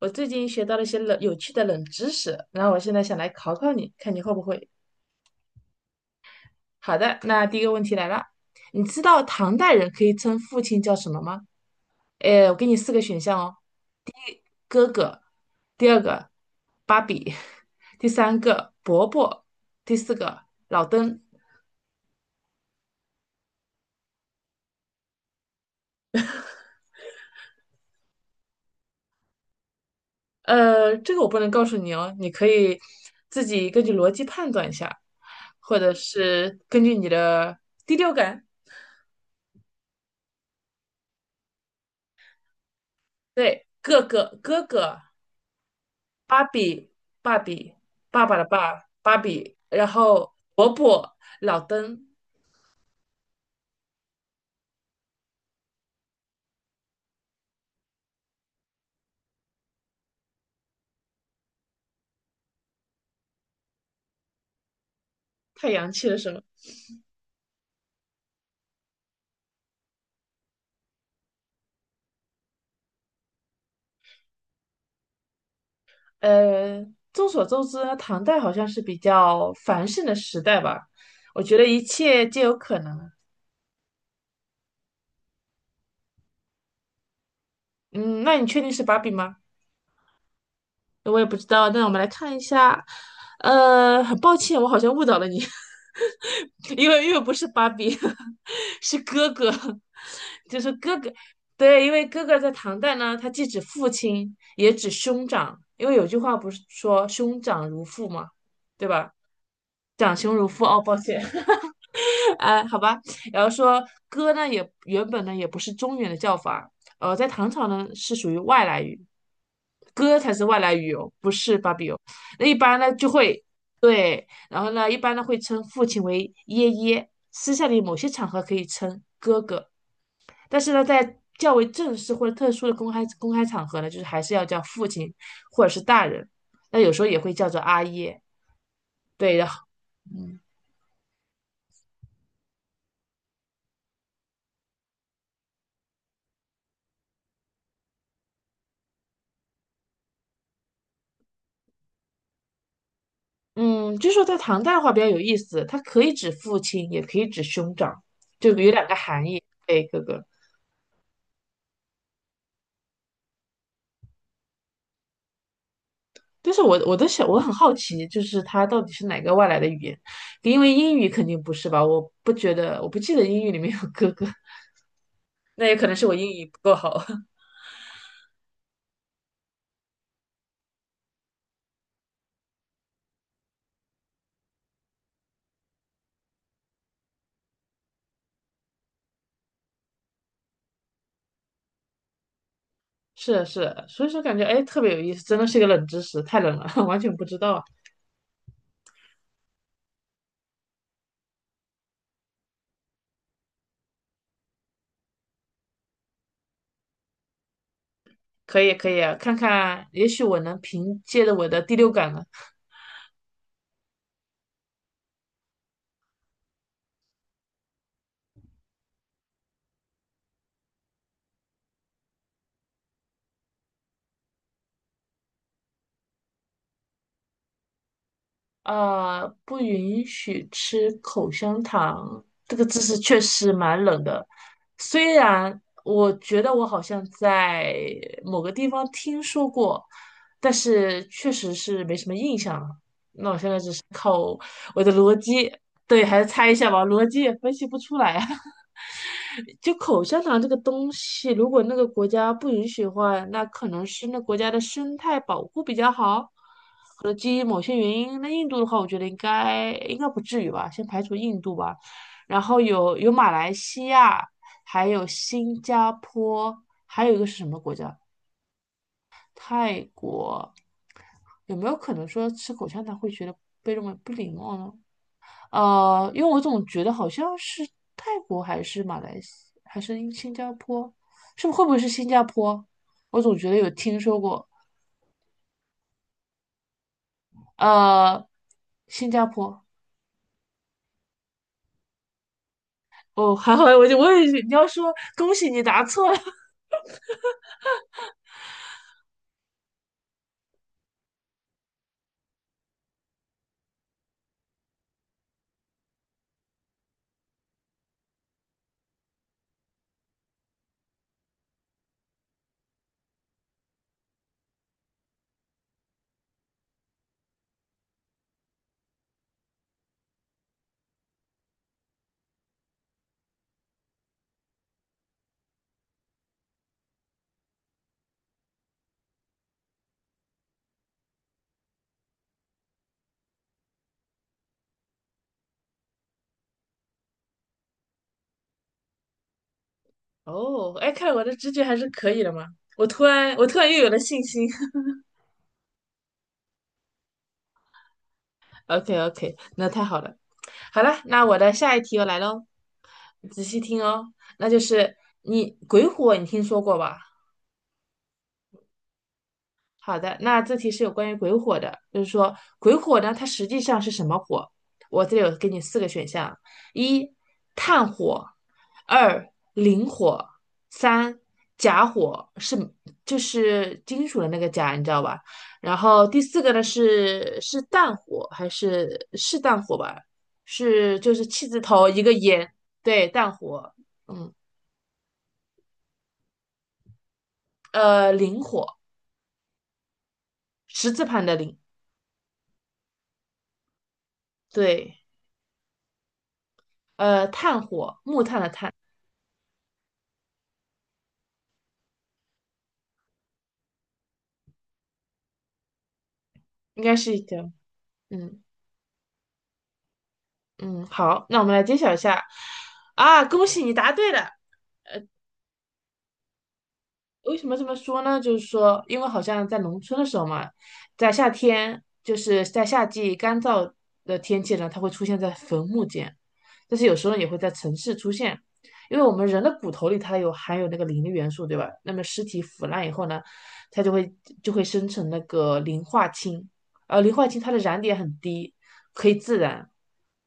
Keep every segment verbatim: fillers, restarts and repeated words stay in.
我最近学到了一些冷有趣的冷知识，然后我现在想来考考你，看你会不会。好的，那第一个问题来了，你知道唐代人可以称父亲叫什么吗？诶，我给你四个选项哦：哥哥，第二个芭比，第三个伯伯，第四个老登。呃，这个我不能告诉你哦，你可以自己根据逻辑判断一下，或者是根据你的第六感。对，哥哥，哥哥，芭比，芭比，爸爸的爸，芭比，然后伯伯，老登，太洋气了是吗？呃，众所周知呢唐代好像是比较繁盛的时代吧，我觉得一切皆有可能。嗯，那你确定是芭比吗？我也不知道。那我们来看一下，呃，很抱歉，我好像误导了你，因为因为不是芭比，是哥哥，就是哥哥。对，因为哥哥在唐代呢，他既指父亲，也指兄长，因为有句话不是说兄长如父嘛，对吧？长兄如父，哦，抱歉。哎，好吧，然后说哥呢，也原本呢也不是中原的叫法，呃，在唐朝呢是属于外来语，哥才是外来语哦，不是芭比哦。那一般呢就会对，然后呢一般呢会称父亲为爷爷，私下里某些场合可以称哥哥，但是呢在较为正式或者特殊的公开公开场合呢，就是还是要叫父亲或者是大人，那有时候也会叫做阿爷。对，的。嗯嗯，就说在唐代的话比较有意思，它可以指父亲，也可以指兄长，就有两个含义。对，哥哥。但是我我都想，我很好奇，就是它到底是哪个外来的语言？因为英语肯定不是吧？我不觉得，我不记得英语里面有哥哥，那也可能是我英语不够好。是啊是啊，所以说感觉哎特别有意思，真的是一个冷知识，太冷了，完全不知道啊。可以可以啊，看看，也许我能凭借着我的第六感呢，呃，不允许吃口香糖，这个知识确实蛮冷的。虽然我觉得我好像在某个地方听说过，但是确实是没什么印象了。那我现在只是靠我的逻辑，对，还是猜一下吧，逻辑也分析不出来啊。就口香糖这个东西，如果那个国家不允许的话，那可能是那国家的生态保护比较好，可能基于某些原因。那印度的话，我觉得应该应该不至于吧，先排除印度吧。然后有有马来西亚，还有新加坡，还有一个是什么国家？泰国。有没有可能说吃口香糖会觉得被认为不礼貌呢？呃，因为我总觉得好像是泰国还是马来西还是英新加坡，是不会不会是新加坡？我总觉得有听说过，呃，新加坡。哦，还好，我就我也是你要说恭喜你答错了。哦，哎，看来我的直觉还是可以的嘛。我突然我突然又有了信心。OK OK,那太好了。好了，那我的下一题又来喽，仔细听哦。那就是你鬼火，你听说过吧？好的，那这题是有关于鬼火的，就是说鬼火呢，它实际上是什么火？我这里有给你四个选项：一、炭火；二、磷火；三、甲火，是就是金属的那个甲，你知道吧？然后第四个呢是是氮火还是是氮火吧？是就是气字头一个炎，对，氮火，嗯，呃，磷火，十字旁的磷，对，呃，炭火，木炭的炭。应该是一个，嗯嗯，好，那我们来揭晓一下。啊，恭喜你答对了，为什么这么说呢？就是说，因为好像在农村的时候嘛，在夏天，就是在夏季干燥的天气呢，它会出现在坟墓间，但是有时候也会在城市出现，因为我们人的骨头里它有含有那个磷的元素，对吧？那么尸体腐烂以后呢，它就会就会生成那个磷化氢，而磷化氢它的燃点很低，可以自燃。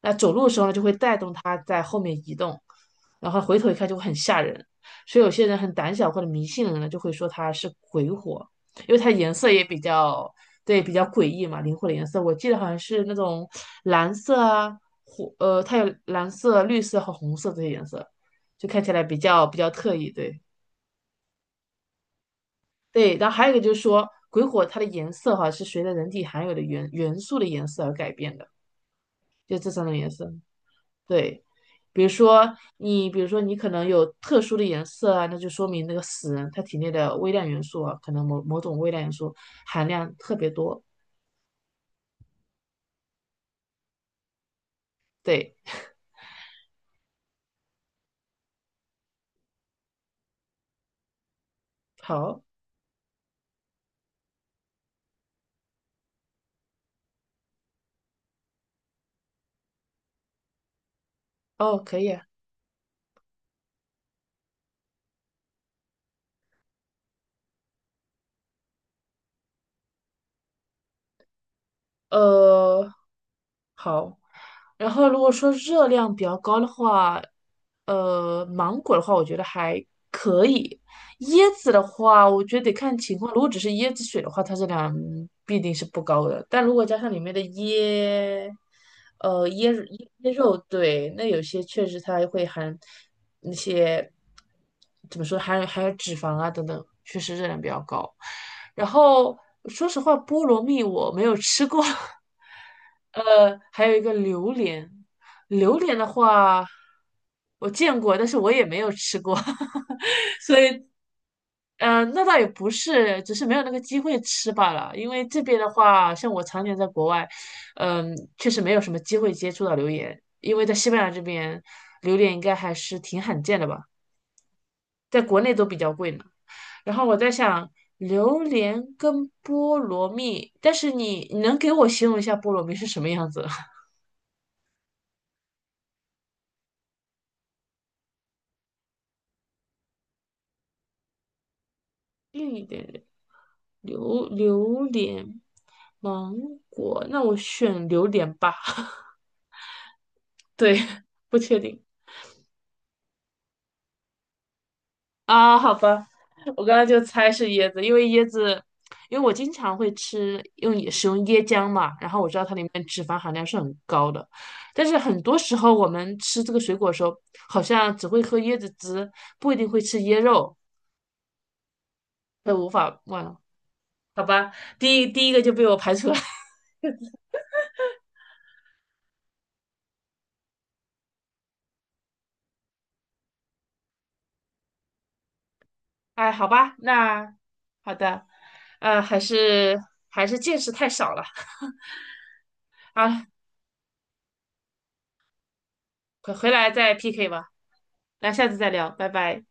那走路的时候呢，就会带动它在后面移动，然后回头一看就会很吓人。所以有些人很胆小或者迷信的人呢，就会说它是鬼火，因为它颜色也比较对比较诡异嘛，灵火的颜色，我记得好像是那种蓝色啊，火呃，它有蓝色、绿色和红色这些颜色，就看起来比较比较特异，对对。然后还有一个就是说，鬼火它的颜色哈、是随着人体含有的元元素的颜色而改变的，就这三种颜色。对，比如说你，比如说你可能有特殊的颜色啊，那就说明那个死人他体内的微量元素啊，可能某某种微量元素含量特别多。对，好，哦，可以啊，呃，好，然后如果说热量比较高的话，呃，芒果的话，我觉得还可以。椰子的话，我觉得得看情况。如果只是椰子水的话，它热量必定是不高的。但如果加上里面的椰，呃，椰椰椰肉，对，那有些确实它会含那些怎么说，含有含有脂肪啊等等，确实热量比较高。然后说实话，菠萝蜜我没有吃过。呃，还有一个榴莲，榴莲的话，我见过，但是我也没有吃过，所以，嗯，那倒也不是，只是没有那个机会吃罢了。因为这边的话，像我常年在国外，嗯、确实没有什么机会接触到榴莲，因为在西班牙这边，榴莲应该还是挺罕见的吧，在国内都比较贵呢。然后我在想，榴莲跟菠萝蜜，但是你你能给我形容一下菠萝蜜是什么样子？硬一点点。榴榴莲、芒果，那我选榴莲吧。对，不确定啊，好吧，我刚才就猜是椰子，因为椰子，因为我经常会吃用也使用椰浆嘛，然后我知道它里面脂肪含量是很高的，但是很多时候我们吃这个水果的时候，好像只会喝椰子汁，不一定会吃椰肉，那无法忘了，好吧，第一第一个就被我排除了。哎，好吧，那好的，呃，还是还是见识太少了啊，回回来再 P K 吧，那下次再聊，拜拜。